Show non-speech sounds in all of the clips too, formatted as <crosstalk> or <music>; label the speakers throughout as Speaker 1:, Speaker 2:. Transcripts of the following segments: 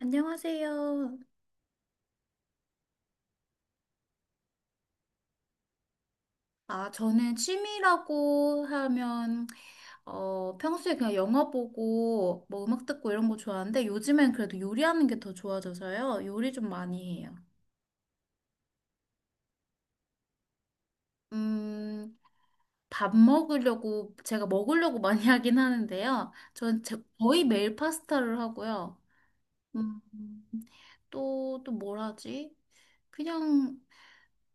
Speaker 1: 안녕하세요. 아, 저는 취미라고 하면, 평소에 그냥 영화 보고, 뭐 음악 듣고 이런 거 좋아하는데, 요즘엔 그래도 요리하는 게 더 좋아져서요. 요리 좀 많이 해요. 음, 밥 먹으려고, 제가 먹으려고 <laughs> 많이 하긴 하는데요. 전 거의 매일 파스타를 하고요. 음, 또 뭘 하지? 그냥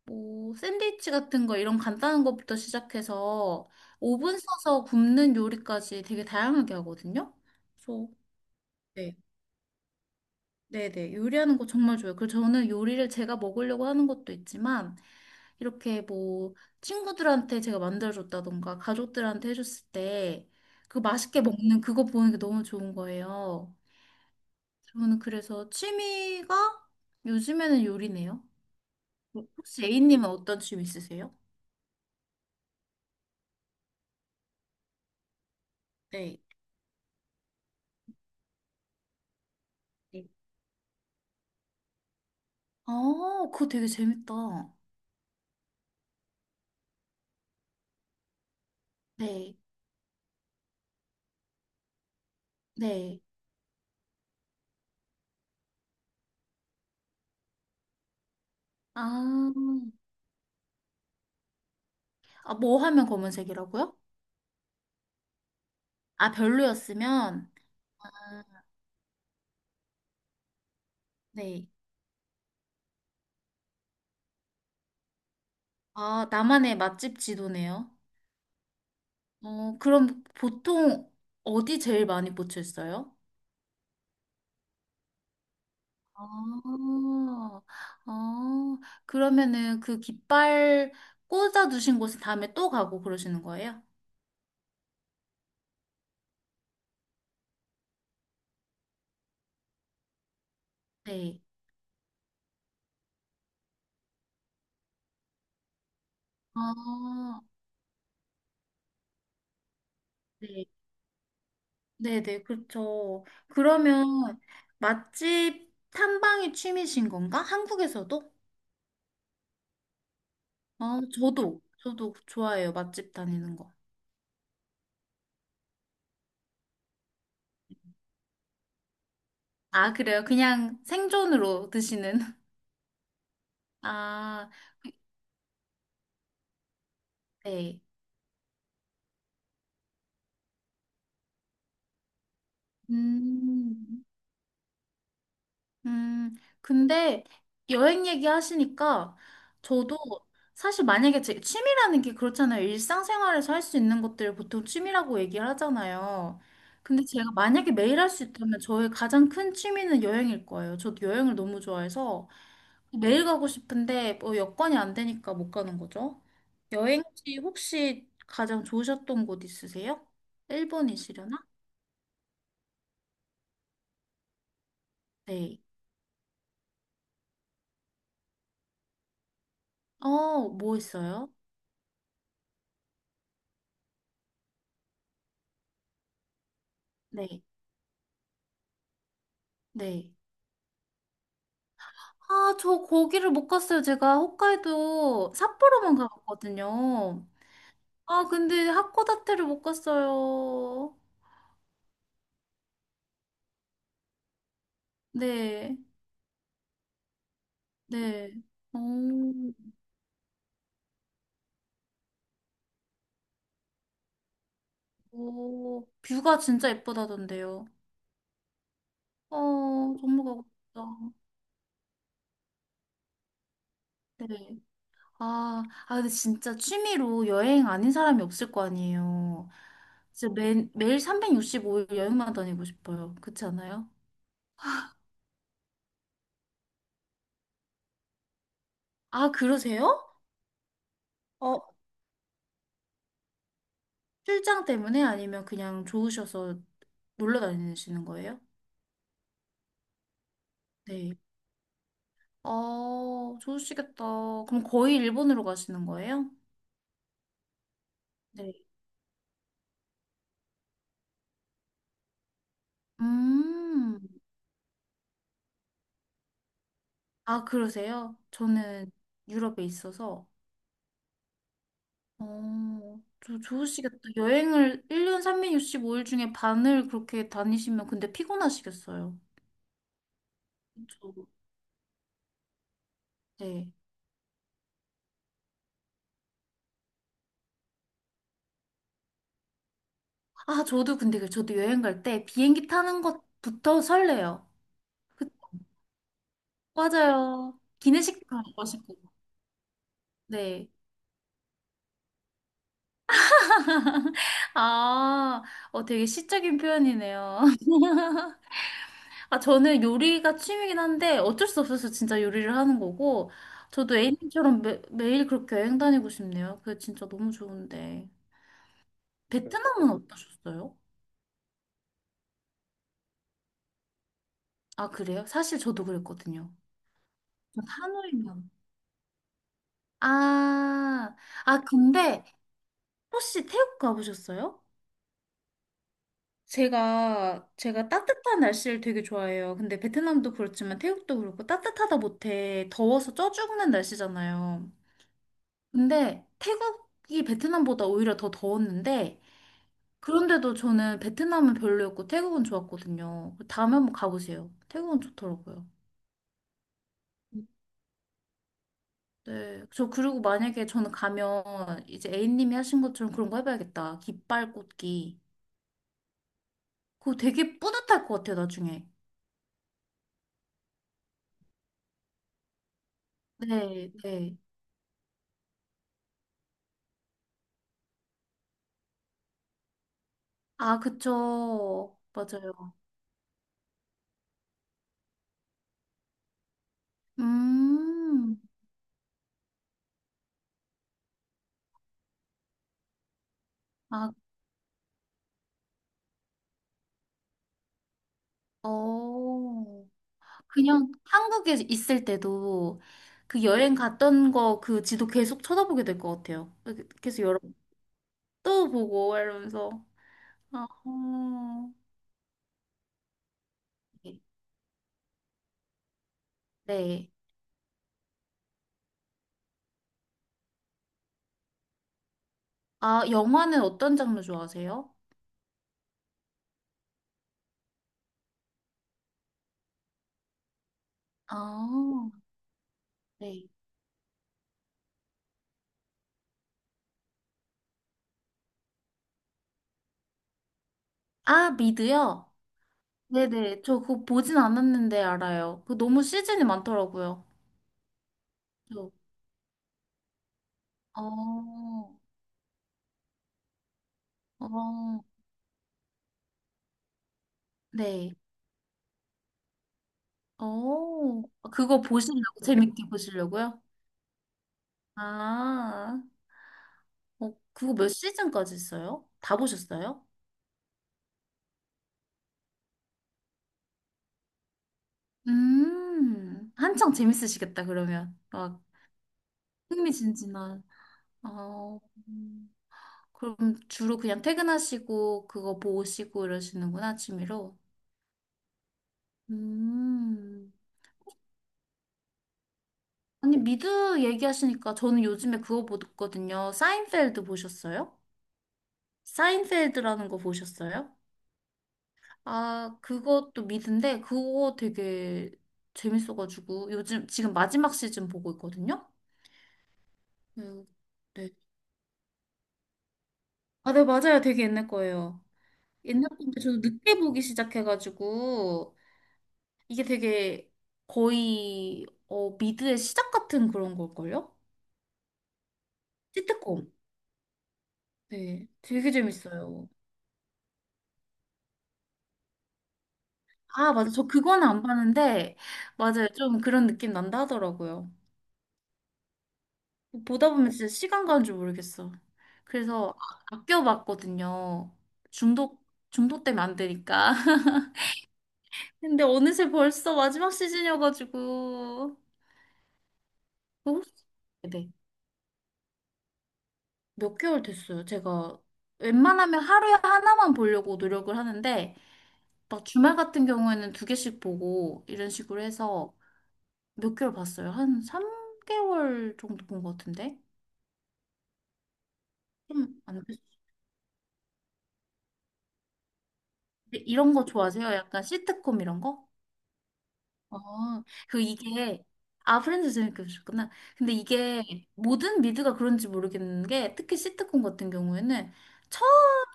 Speaker 1: 뭐 샌드위치 같은 거 이런 간단한 것부터 시작해서 오븐 써서 굽는 요리까지 되게 다양하게 하거든요. 그래서 네, 네네 요리하는 거 정말 좋아요. 그리고 저는 요리를 제가 먹으려고 하는 것도 있지만 이렇게 뭐 친구들한테 제가 만들어줬다던가 가족들한테 해줬을 때 그 맛있게 먹는 그거 보는 게 너무 좋은 거예요. 저는 그래서 취미가 요즘에는 요리네요. 혹시 A님은 어떤 취미 있으세요? 네. 아, 그거 되게 재밌다. 네, 네. 아, 아, 뭐 하면 검은색이라고요? 아, 별로였으면? 아, 네. 아, 나만의 맛집 지도네요. 어, 그럼 보통 어디 제일 많이 꽂혔어요? 아, 아, 그러면은 그 깃발 꽂아두신 곳에 다음에 또 가고 그러시는 거예요? 네. 아, 네. 네네, 그렇죠. 그러면 맛집 탐방이 취미신 건가? 한국에서도? 어, 저도 좋아해요. 맛집 다니는 거. 아, 그래요? 그냥 생존으로 드시는? <laughs> 아, 네. 음, 음, 근데 여행 얘기 하시니까 저도 사실 만약에 제 취미라는 게 그렇잖아요. 일상생활에서 할 수 있는 것들을 보통 취미라고 얘기를 하잖아요. 근데 제가 만약에 매일 할 수 있다면 저의 가장 큰 취미는 여행일 거예요. 저도 여행을 너무 좋아해서 매일 가고 싶은데 뭐 여건이 안 되니까 못 가는 거죠. 여행지 혹시 가장 좋으셨던 곳 있으세요? 일본이시려나? 네. 어, 뭐 있어요? 네. 네. 아, 저 거기를 못 갔어요. 제가 홋카이도 삿포로만 가봤거든요. 아, 근데 하코다테를 못 갔어요. 네, 네. 어, 오, 뷰가 진짜 예쁘다던데요. 어, 정말 가고 싶다. 네. 아, 아, 근데 진짜 취미로 여행 아닌 사람이 없을 거 아니에요. 진짜 매일 365일 여행만 다니고 싶어요. 그렇지 않아요? 아, 그러세요? 어, 출장 때문에 아니면 그냥 좋으셔서 놀러 다니시는 거예요? 네. 아, 좋으시겠다. 그럼 거의 일본으로 가시는 거예요? 네. 음. 아, 그러세요? 저는 유럽에 있어서. 어, 저 좋으시겠다. 여행을 1년 삼육6 5일 중에 반을 그렇게 다니시면 근데 피곤하시겠어요. 그쵸. 네. 아, 저도 근데 저도 여행 갈 때 비행기 타는 것부터 설레요. 그- 맞아요. 기내식도 가고 싶고. 네. 아, 어, 되게 시적인 표현이네요. <laughs> 아, 저는 요리가 취미긴 한데 어쩔 수 없어서 진짜 요리를 하는 거고, 저도 A님처럼 매일 그렇게 여행 다니고 싶네요. 그게 진짜 너무 좋은데. 베트남은 어떠셨어요? 아, 그래요? 사실 저도 그랬거든요. 전 하노이만. 아, 아, 근데 혹시 태국 가보셨어요? 제가 따뜻한 날씨를 되게 좋아해요. 근데 베트남도 그렇지만 태국도 그렇고 따뜻하다 못해 더워서 쪄 죽는 날씨잖아요. 근데 태국이 베트남보다 오히려 더 더웠는데 그런데도 저는 베트남은 별로였고 태국은 좋았거든요. 다음에 한번 가보세요. 태국은 좋더라고요. 네. 저 그리고 만약에 저는 가면 이제 A님이 하신 것처럼 그런 거 해봐야겠다. 깃발 꽂기. 그거 되게 뿌듯할 것 같아요, 나중에. 네, 네. 아, 그쵸. 맞아요. 음, 아, 어. 그냥 한국에 있을 때도 그 여행 갔던 거 그 지도 계속 쳐다보게 될 것 같아요. 그 계속 여러 번또 보고 이러면서. 아, 어. 네. 아, 영화는 어떤 장르 좋아하세요? 아, 네. 아, 미드요? 네네. 저 그거 보진 않았는데 알아요. 그 너무 시즌이 많더라고요. 저, 어, 어, 네. 어, 그거 보시려고, 재밌게 보시려고요? 아, 어, 그거 몇 시즌까지 있어요? 다 보셨어요? 한창 재밌으시겠다, 그러면. 막, 흥미진진한. 어, 음. 그럼 주로 그냥 퇴근하시고, 그거 보시고 이러시는구나, 취미로. 음. 아니, 미드 얘기하시니까 저는 요즘에 그거 보거든요. 사인펠드 보셨어요? 사인펠드라는 거 보셨어요? 아, 그것도 미드인데, 그거 되게 재밌어가지고, 요즘, 지금 마지막 시즌 보고 있거든요? 음, 네. 아, 네, 맞아요. 되게 옛날 거예요. 옛날 건데, 저도 늦게 보기 시작해가지고, 이게 되게 어, 미드의 시작 같은 그런 걸걸요? 시트콤. 네. 되게 재밌어요. 아, 맞아. 저 그거는 안 봤는데, 맞아요. 좀 그런 느낌 난다 하더라고요. 보다 보면 진짜 시간 가는 줄 모르겠어. 그래서 아껴봤거든요. 중독, 중독되면 안 되니까. <laughs> 근데 어느새 벌써 마지막 시즌이어가지고. 그 혹시- 네. 몇 개월 됐어요. 제가 웬만하면 하루에 하나만 보려고 노력을 하는데, 막 주말 같은 경우에는 두 개씩 보고, 이런 식으로 해서 몇 개월 봤어요. 한 3개월 정도 본 것 같은데? 좀 안 됐어요. 이런 거 좋아하세요? 약간 시트콤 이런 거? 어, 그 이게, 아, 프렌즈 재밌게 보셨구나. 근데 이게 모든 미드가 그런지 모르겠는 게, 특히 시트콤 같은 경우에는 첫,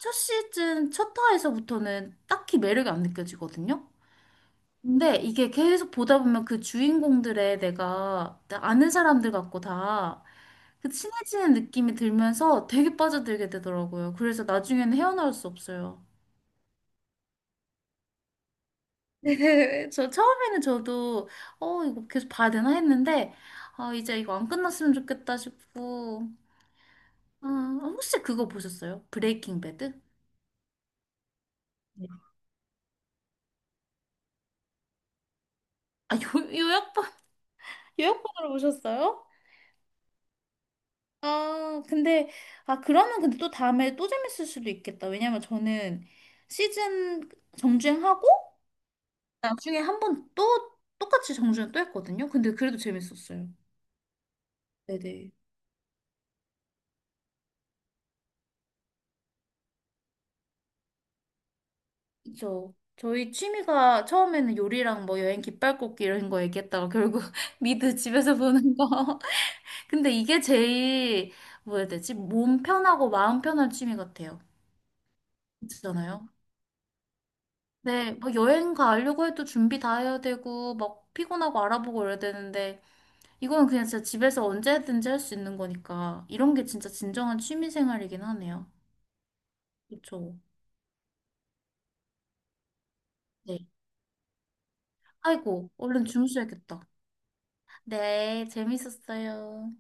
Speaker 1: 첫 시즌, 첫 화에서부터는 딱히 매력이 안 느껴지거든요? 근데 이게 계속 보다 보면 그 주인공들의 내가 아는 사람들 같고 다, 그 친해지는 느낌이 들면서 되게 빠져들게 되더라고요. 그래서 나중에는 헤어나올 수 없어요. 네, 저 처음에는 저도 어 이거 계속 봐야 되나 했는데 아 이제 이거 안 끝났으면 좋겠다 싶고 아 혹시 그거 보셨어요? 브레이킹 배드? 네. 아 요, 요약본 <laughs> 요약본으로 보셨어요? 아 근데 아 그러면 근데 또 다음에 또 재밌을 수도 있겠다 왜냐면 저는 시즌 정주행하고 나중에 한 번 또 똑같이 정주행 또 했거든요 근데 그래도 재밌었어요 네네 그죠. 저희 취미가 처음에는 요리랑 뭐 여행 깃발 꽂기 이런 거 얘기했다가 결국 <laughs> 미드 집에서 보는 거. <laughs> 근데 이게 제일 뭐 해야 되지? 몸 편하고 마음 편한 취미 같아요. 그렇잖아요. 네, 뭐 여행 가려고 해도 준비 다 해야 되고 막 피곤하고 알아보고 이래야 되는데 이거는 그냥 진짜 집에서 언제든지 할 수 있는 거니까 이런 게 진짜 진정한 취미 생활이긴 하네요. 그렇죠. 네. 아이고, 얼른 주무셔야겠다. 네, 재밌었어요.